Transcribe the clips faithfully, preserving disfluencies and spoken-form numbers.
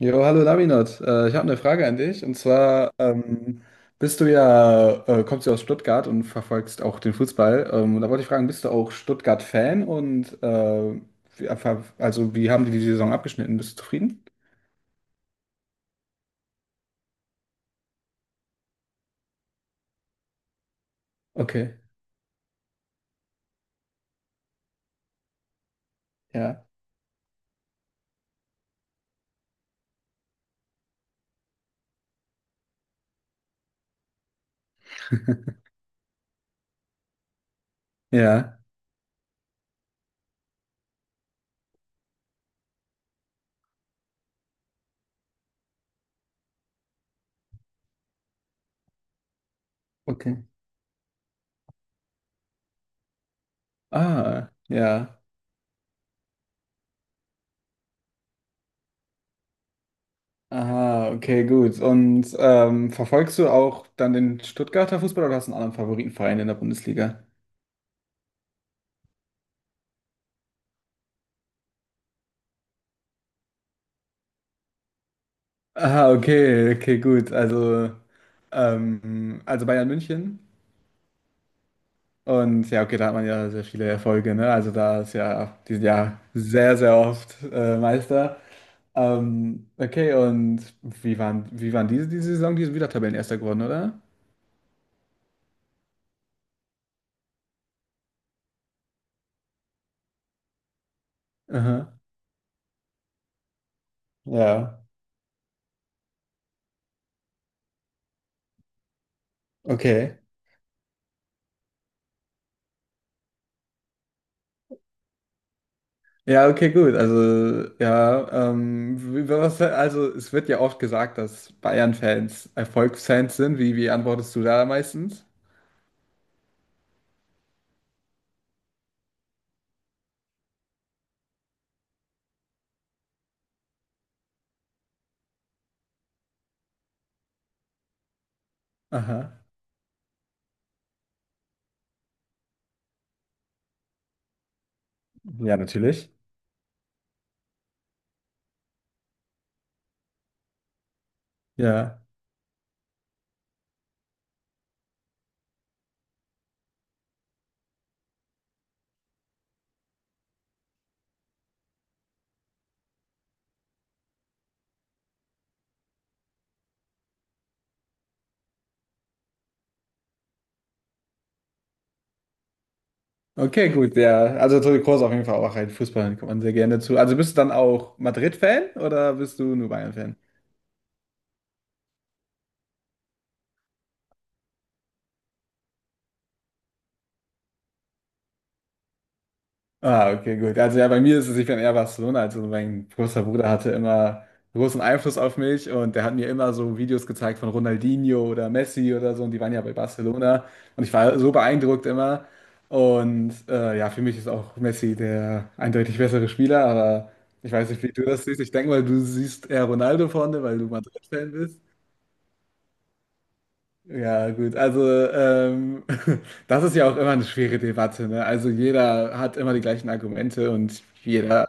Jo, hallo Laminat. Äh, ich habe eine Frage an dich. Und zwar ähm, bist du ja, äh, kommst du aus Stuttgart und verfolgst auch den Fußball. Ähm, und da wollte ich fragen, bist du auch Stuttgart-Fan? Und äh, wie, also wie haben die die Saison abgeschnitten? Bist du zufrieden? Okay, ja. Ja. Okay. Ah, ja. Aha, okay, gut. Und ähm, verfolgst du auch dann den Stuttgarter Fußball oder hast du einen anderen Favoritenverein in der Bundesliga? Aha, okay, okay, gut. Also, ähm, also Bayern München. Und ja, okay, da hat man ja sehr viele Erfolge, ne? Also da ist ja, die sind ja sehr, sehr oft äh, Meister. Ähm, okay, und wie waren, wie waren diese, diese Saison? Die sind wieder Tabellenerster geworden, oder? Aha. Ja, okay. Ja, okay, gut. Also, ja, ähm, wie- was, also es wird ja oft gesagt, dass Bayern-Fans Erfolgsfans sind. Wie, wie antwortest du da meistens? Aha. Ja, natürlich. Ja, okay, gut, ja. Also Toni Kroos auf jeden Fall auch ein Fußballer, kommt man sehr gerne zu. Also bist du dann auch Madrid-Fan oder bist du nur Bayern-Fan? Ah, okay, gut. Also ja, bei mir ist es, ich bin eher Barcelona. Also mein großer Bruder hatte immer großen Einfluss auf mich und der hat mir immer so Videos gezeigt von Ronaldinho oder Messi oder so und die waren ja bei Barcelona und ich war so beeindruckt immer. Und äh, ja, für mich ist auch Messi der eindeutig bessere Spieler, aber ich weiß nicht, wie du das siehst. Ich denke mal, du siehst eher Ronaldo vorne, weil du Madrid-Fan bist. Ja, gut, also ähm, das ist ja auch immer eine schwere Debatte, ne? Also jeder hat immer die gleichen Argumente und jeder,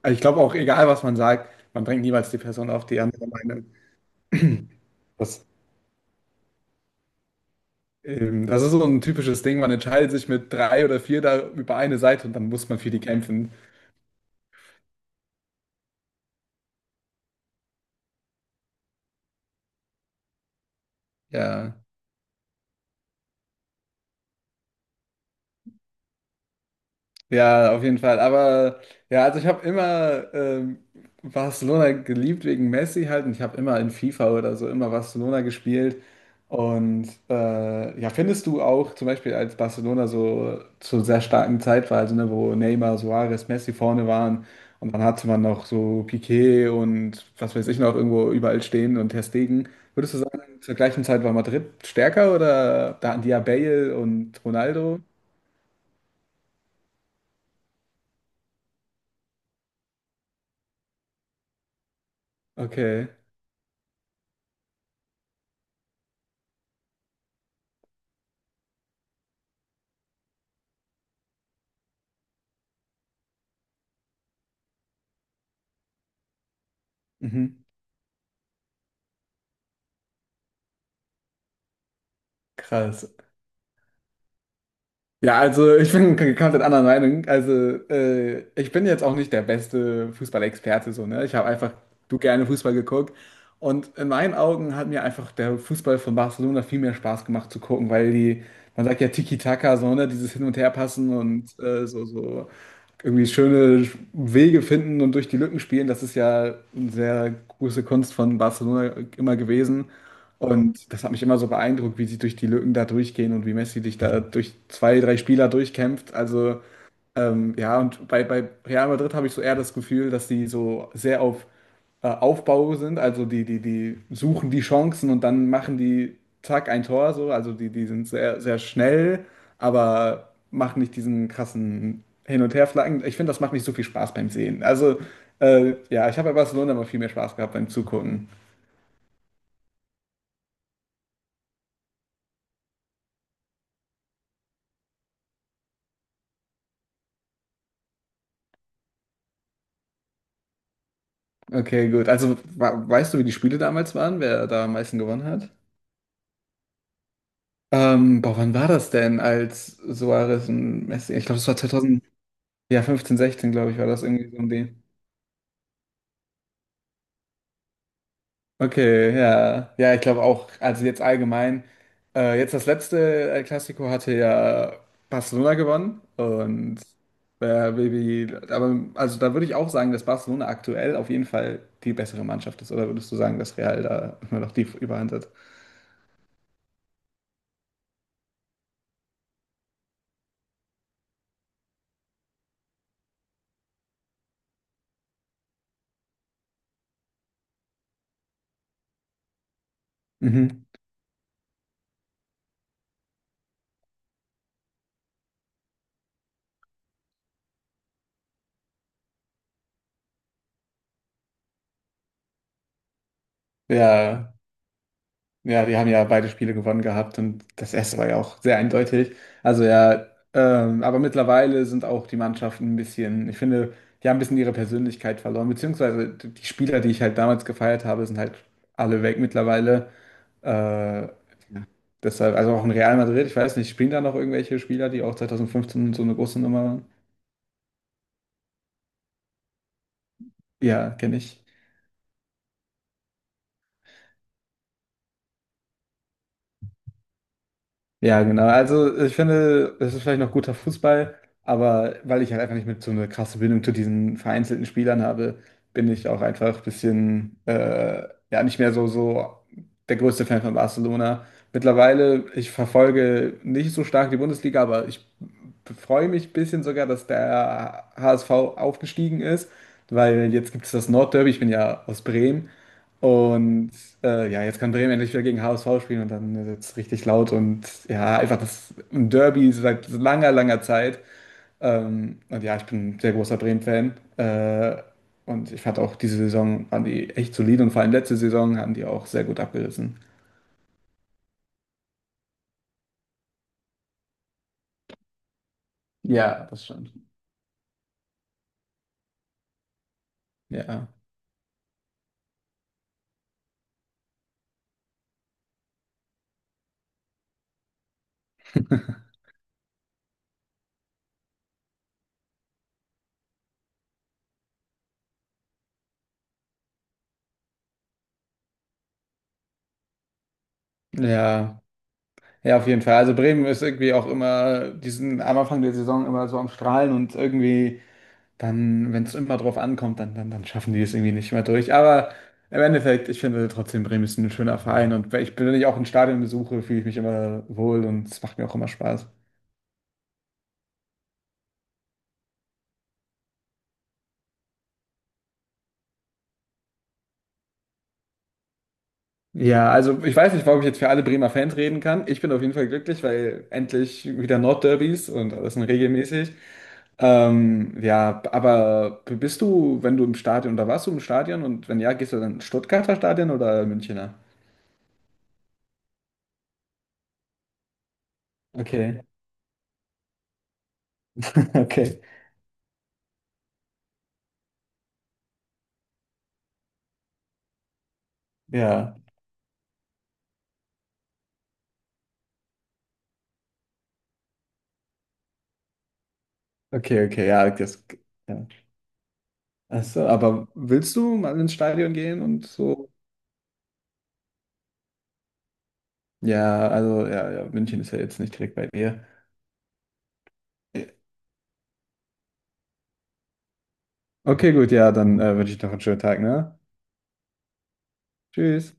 also ich glaube auch egal, was man sagt, man bringt niemals die Person auf die andere Meinung. Das, ähm, Das ist so ein typisches Ding, man entscheidet sich mit drei oder vier da über eine Seite und dann muss man für die kämpfen. Ja. Ja, auf jeden Fall. Aber ja, also ich habe immer ähm, Barcelona geliebt wegen Messi halt. Und ich habe immer in FIFA oder so immer Barcelona gespielt. Und äh, ja, findest du auch zum Beispiel, als Barcelona so zur sehr starken Zeit war, also ne, wo Neymar, Suarez, Messi vorne waren und dann hatte man noch so Piqué und was weiß ich noch irgendwo überall stehen und Ter Stegen. Würdest du sagen, zur gleichen Zeit war Madrid stärker oder da hatten die ja Bale und Ronaldo? Okay. Mhm. Krass. Ja, also ich bin komplett anderer Meinung. Also äh, ich bin jetzt auch nicht der beste Fußballexperte so, ne? Ich habe einfach du gerne Fußball geguckt. Und in meinen Augen hat mir einfach der Fußball von Barcelona viel mehr Spaß gemacht zu gucken, weil die, man sagt ja Tiki-Taka, so, ne, dieses Hin- und Herpassen und äh, so, so irgendwie schöne Wege finden und durch die Lücken spielen, das ist ja eine sehr große Kunst von Barcelona immer gewesen. Und das hat mich immer so beeindruckt, wie sie durch die Lücken da durchgehen und wie Messi sich da durch zwei, drei Spieler durchkämpft. Also ähm, ja, und bei, bei Real Madrid habe ich so eher das Gefühl, dass die so sehr auf äh, Aufbau sind. Also die, die, die suchen die Chancen und dann machen die zack ein Tor so. Also die, die sind sehr, sehr schnell, aber machen nicht diesen krassen Hin- und Herflanken. Ich finde, das macht nicht so viel Spaß beim Sehen. Also äh, ja, ich habe bei Barcelona immer viel mehr Spaß gehabt beim Zugucken. Okay, gut. Also wa- weißt du, wie die Spiele damals waren, wer da am meisten gewonnen hat? Ähm, boah, wann war das denn, als Suarez und Messi? Ich glaube, das war zweitausend, ja, fünfzehn, sechzehn, glaube ich, war das irgendwie so um die. Okay, ja. Ja, ich glaube auch, also jetzt allgemein. Äh, jetzt das letzte El Clasico hatte ja Barcelona gewonnen und äh, Baby, aber also da würde ich auch sagen, dass Barcelona aktuell auf jeden Fall die bessere Mannschaft ist. Oder würdest du sagen, dass Real da immer noch die Überhand hat? Mhm. Ja, ja, die haben ja beide Spiele gewonnen gehabt und das erste war ja auch sehr eindeutig. Also ja, ähm, aber mittlerweile sind auch die Mannschaften ein bisschen, ich finde, die haben ein bisschen ihre Persönlichkeit verloren, beziehungsweise die Spieler, die ich halt damals gefeiert habe, sind halt alle weg mittlerweile. Äh, ja, deshalb, also auch in Real Madrid, ich weiß nicht, spielen da noch irgendwelche Spieler, die auch zwanzig fünfzehn so eine große Nummer waren? Ja, kenne ich. Ja, genau. Also ich finde, es ist vielleicht noch guter Fußball, aber weil ich halt einfach nicht mit so eine krasse Bindung zu diesen vereinzelten Spielern habe, bin ich auch einfach ein bisschen, äh, ja, nicht mehr so, so der größte Fan von Barcelona. Mittlerweile, ich verfolge nicht so stark die Bundesliga, aber ich freue mich ein bisschen sogar, dass der H S V aufgestiegen ist, weil jetzt gibt es das Nordderby. Ich bin ja aus Bremen. Und äh, ja, jetzt kann Bremen endlich wieder gegen H S V spielen und dann wird es richtig laut und ja, einfach das ein Derby seit langer, langer Zeit. Ähm, und ja, ich bin ein sehr großer Bremen-Fan. Äh, und ich fand auch diese Saison waren die echt solide und vor allem letzte Saison haben die auch sehr gut abgerissen. Ja, das stimmt. Ja. Ja, ja, auf jeden Fall. Also Bremen ist irgendwie auch immer, die sind am Anfang der Saison immer so am Strahlen und irgendwie dann, wenn es immer drauf ankommt, dann, dann, dann schaffen die es irgendwie nicht mehr durch. Aber im Endeffekt, ich finde trotzdem, Bremen ist ein schöner Verein und wenn ich, wenn ich auch ein Stadion besuche, fühle ich mich immer wohl und es macht mir auch immer Spaß. Ja, also ich weiß nicht, warum ich jetzt für alle Bremer Fans reden kann. Ich bin auf jeden Fall glücklich, weil endlich wieder Nordderbys und alles sind regelmäßig. Ähm, ja, aber bist du, wenn du im Stadion oder warst du im Stadion und wenn ja, gehst du dann ins Stuttgarter Stadion oder Münchner? Okay, okay, ja, okay, okay, ja, das, ja. Achso, aber willst du mal ins Stadion gehen und so? Ja, also ja, ja, München ist ja jetzt nicht direkt bei dir. Okay, gut, ja, dann äh, wünsche ich noch einen schönen Tag, ne? Tschüss.